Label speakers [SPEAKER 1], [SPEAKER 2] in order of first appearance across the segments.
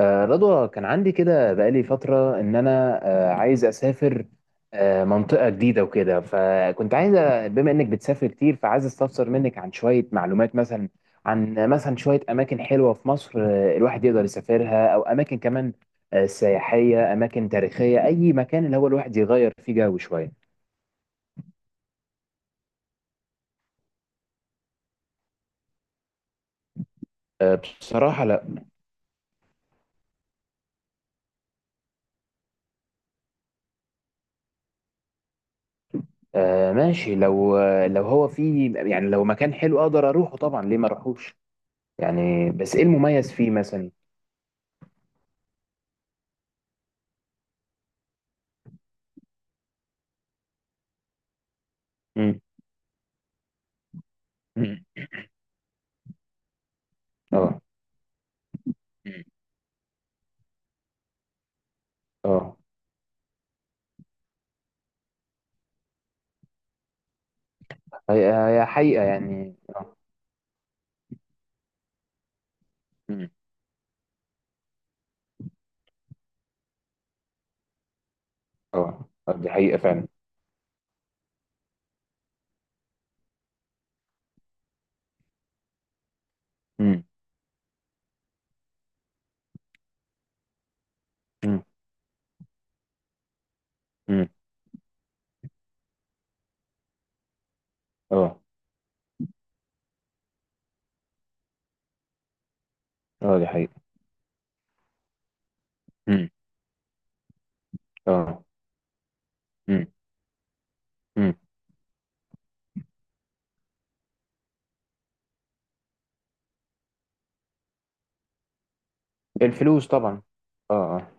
[SPEAKER 1] رضوى، كان عندي كده بقالي فترة إن أنا عايز أسافر منطقة جديدة وكده. فكنت عايز بما إنك بتسافر كتير، فعايز أستفسر منك عن شوية معلومات. مثلا عن مثلا شوية أماكن حلوة في مصر، الواحد يقدر يسافرها، أو أماكن كمان سياحية، أماكن تاريخية، أي مكان اللي هو الواحد يغير فيه جو شوية. آه، بصراحة لا. ماشي، لو لو هو فيه، يعني لو مكان حلو أقدر أروحه طبعا، ليه ما أروحوش؟ يعني بس إيه المميز فيه مثلا؟ مم. اه. مم. اه. هي حقيقة يعني، اه. مم. اه. دي حقيقة فعلا. مم. مم. مم. اه. اه دي حقيقة. مم. اه. مم. مم. الفلوس طبعا. اه اه.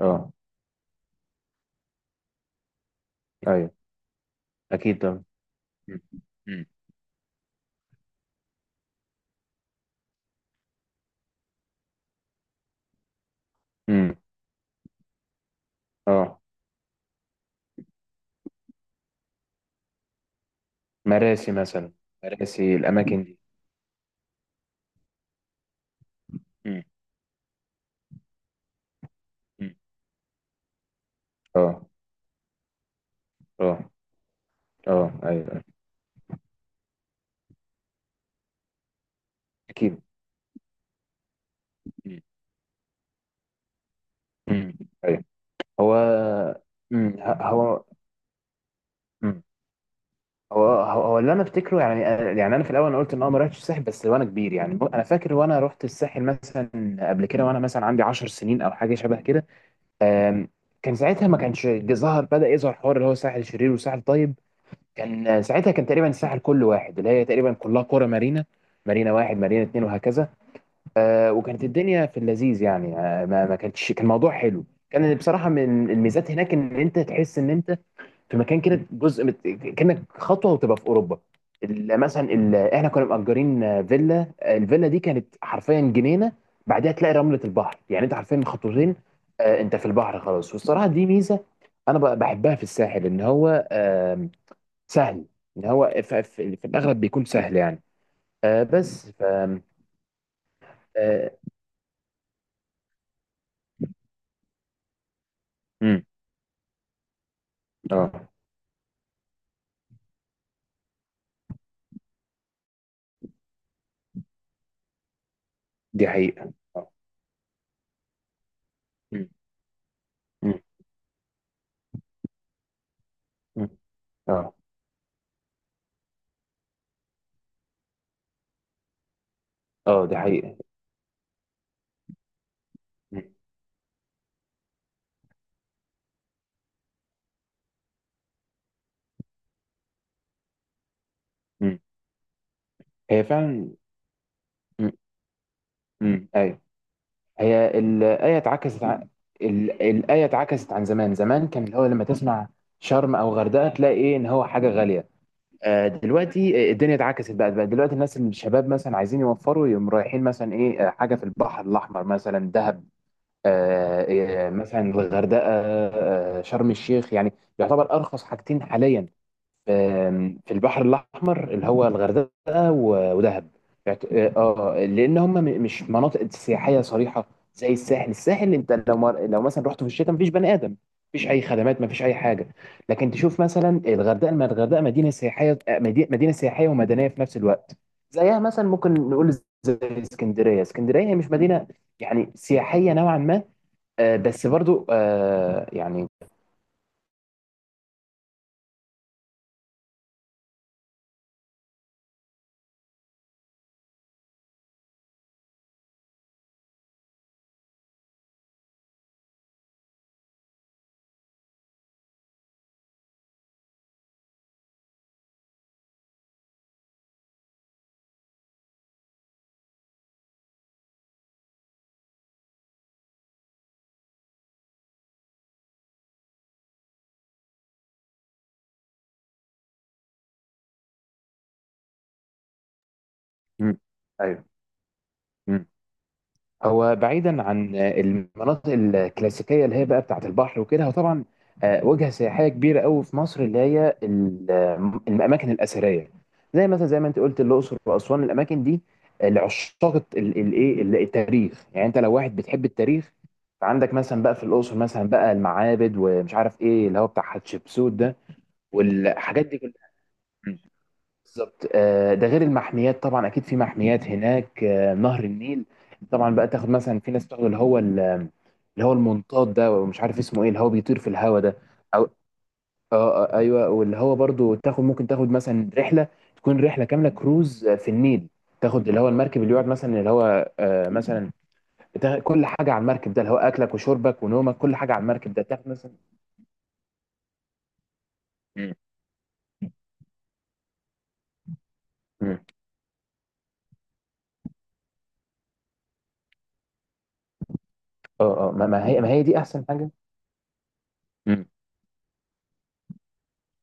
[SPEAKER 1] اه. ايوه، اكيد طبعا. مم. مم. امم. اه. مراسي مثلا، مراسي، الاماكن دي. مم. مم. اه. اه. اه. ايوه، اكيد. مم. امم. ايوه. هو. امم، هو. مم. هو اللي انا افتكره يعني. يعني انا في الاول انا قلت ان انا ما رحتش الساحل، بس وانا كبير يعني. انا فاكر وانا رحت الساحل مثلا قبل كده، وانا مثلا عندي 10 سنين او حاجه شبه كده. آم، كان ساعتها ما كانش ظهر، بدا يظهر حوار اللي هو ساحل شرير وساحل طيب. كان ساعتها كان تقريبا الساحل كله واحد، اللي هي تقريبا كلها قرى مارينا. مارينا واحد، مارينا اتنين، وهكذا. وكانت الدنيا في اللذيذ يعني. ما كانتش، كان الموضوع حلو. كان بصراحه من الميزات هناك ان انت تحس ان انت في مكان كده جزء كانك خطوه وتبقى في اوروبا. مثلا احنا كنا مأجرين فيلا، الفيلا دي كانت حرفيا جنينه بعدها تلاقي رمله البحر. يعني انت حرفيا خطوتين انت في البحر خلاص. والصراحه دي ميزه انا بحبها في الساحل، ان هو سهل. ان هو في الاغلب بيكون سهل يعني. آه، بس ف اه. مم. آه، دي حقيقه. اه. مم. مم. مم. اه. اه دي حقيقه. مم. مم. هي فعلا. مم. مم. ايوه. هي الآية اتعكست عن الآية اتعكست عن زمان. زمان كان اللي هو لما تسمع شرم أو غردقة تلاقي إيه، إن هو حاجة غالية. دلوقتي الدنيا اتعكست بقى. بقى دلوقتي الناس الشباب مثلا عايزين يوفروا، يقوم رايحين مثلا إيه حاجة في البحر الأحمر، مثلا دهب مثلا الغردقة، شرم الشيخ. يعني يعتبر أرخص حاجتين حاليا في البحر الأحمر، اللي هو الغردقة ودهب. اه. لأن هم مش مناطق سياحية صريحة زي الساحل. الساحل أنت لو لو مثلا رحت في الشتاء مفيش بني آدم، مفيش أي خدمات، مفيش أي حاجة. لكن تشوف مثلا الغردقة، الغردقة مدينة سياحية، مدينة سياحية ومدنية في نفس الوقت. زيها مثلا ممكن نقول زي اسكندرية. اسكندرية هي مش مدينة، يعني سياحية نوعا ما. بس برضو يعني. مم. ايوه. هو بعيدا عن المناطق الكلاسيكيه اللي هي بقى بتاعه البحر وكده، هو طبعا وجهه سياحيه كبيره قوي في مصر، اللي هي الاماكن الاثريه زي مثلا زي ما انت قلت، الاقصر واسوان. الاماكن دي لعشاق الايه، التاريخ. يعني انت لو واحد بتحب التاريخ فعندك مثلا بقى في الاقصر مثلا بقى المعابد، ومش عارف ايه اللي هو بتاع حتشبسوت ده، والحاجات دي كلها. بالظبط. ده غير المحميات طبعا. اكيد في محميات هناك، نهر النيل، طبعا بقى تاخد مثلا. في ناس بتاخد اللي هو اللي هو المنطاد ده، ومش عارف اسمه ايه، اللي هو بيطير في الهوا ده، او. آه ايوه. واللي هو برضو تاخد، ممكن تاخد مثلا رحله تكون رحله كامله كروز في النيل. تاخد اللي هو المركب اللي يقعد مثلا اللي هو مثلا كل حاجه على المركب ده اللي هو اكلك وشربك ونومك، كل حاجه على المركب ده تاخد مثلا. مم. مم. اه اه. ما هي دي احسن حاجه.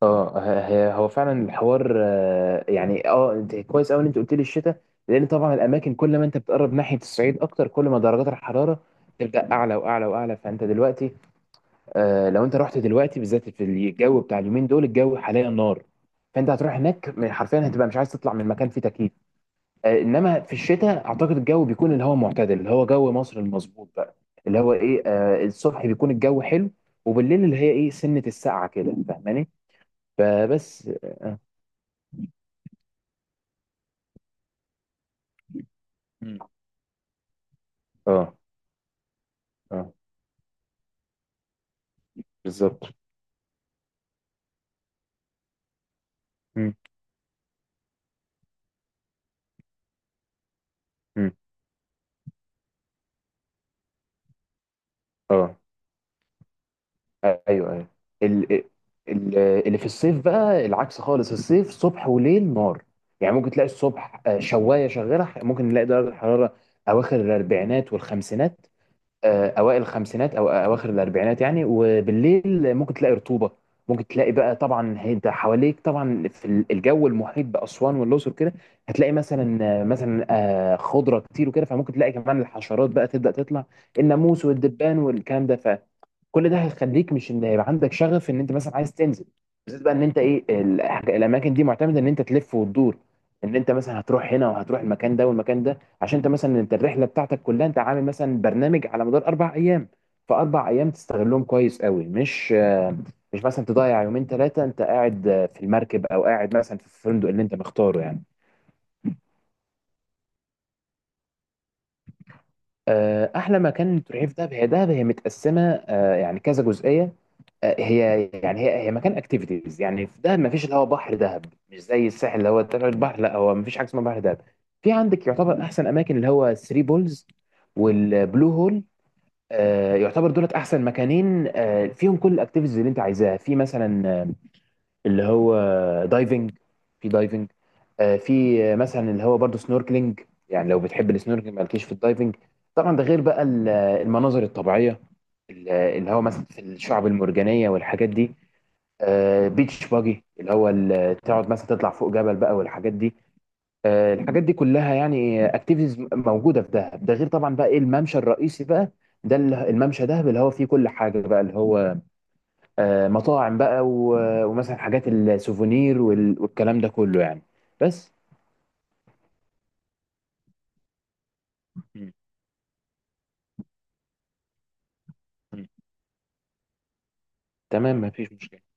[SPEAKER 1] اه. هو فعلا الحوار. يعني اه، انت كويس قوي ان انت قلت لي الشتاء، لان طبعا الاماكن كل ما انت بتقرب ناحيه الصعيد اكتر كل ما درجات الحراره تبدا اعلى واعلى واعلى. فانت دلوقتي لو انت رحت دلوقتي بالذات في الجو بتاع اليومين دول، الجو حاليا نار. فانت هتروح هناك حرفيا هتبقى مش عايز تطلع من مكان فيه تكييف. انما في الشتاء اعتقد الجو بيكون اللي هو معتدل، اللي هو جو مصر المظبوط بقى، اللي هو ايه الصبح بيكون الجو حلو وبالليل اللي هي ايه سنه السقعه كده، فاهماني؟ فبس آه، مم. اه. اه بالظبط. مم. مم. اه. ايوه. ايوه. ال... اللي في الصيف بقى العكس خالص. الصيف صبح وليل نار. يعني ممكن تلاقي الصبح شوايه شغاله، ممكن نلاقي درجه الحراره اواخر الاربعينات والخمسينات. اوائل الخمسينات او اواخر الاربعينات يعني. وبالليل ممكن تلاقي رطوبه، ممكن تلاقي بقى. طبعا انت حواليك طبعا في الجو المحيط باسوان والاقصر كده، هتلاقي مثلا مثلا خضره كتير وكده، فممكن تلاقي كمان الحشرات بقى تبدا تطلع، الناموس والدبان والكلام ده. كل ده هيخليك مش ان يبقى عندك شغف ان انت مثلا عايز تنزل، بالذات بقى ان انت ايه الاماكن دي معتمده ان انت تلف وتدور، ان انت مثلا هتروح هنا وهتروح المكان ده والمكان ده. عشان انت مثلا انت الرحله بتاعتك كلها انت عامل مثلا برنامج على مدار اربع ايام، فاربع ايام تستغلهم كويس قوي، مش مش مثلا تضيع يومين ثلاثه انت قاعد في المركب، او قاعد مثلا في الفندق اللي انت مختاره يعني. احلى مكان تروحيه في دهب، هي دهب هي متقسمه يعني كذا جزئيه. هي يعني هي مكان اكتيفيتيز. يعني في دهب ما فيش اللي هو بحر دهب مش زي الساحل اللي هو تبع البحر، لا. هو ما فيش حاجه اسمها بحر دهب. في عندك يعتبر احسن اماكن اللي هو 3 بولز والبلو هول. يعتبر دولت احسن مكانين فيهم كل الاكتيفيتيز اللي انت عايزاها، في مثلا اللي هو دايفنج. في دايفنج، آه، في آه، مثلا اللي هو برضو سنوركلينج. يعني لو بتحب السنوركلينج مالكيش في الدايفنج. طبعا ده غير بقى المناظر الطبيعيه، اللي هو مثلا في الشعب المرجانيه والحاجات دي. بيتش باجي، اللي هو تقعد مثلا تطلع فوق جبل بقى والحاجات دي. الحاجات دي كلها يعني اكتيفيتيز موجوده في دهب. ده غير طبعا بقى ايه الممشى الرئيسي بقى، ده الممشى دهب اللي هو فيه كل حاجه بقى، اللي هو مطاعم بقى ومثلا حاجات السوفونير والكلام ده كله يعني. بس. مم. مم. تمام، مفيش مشكله.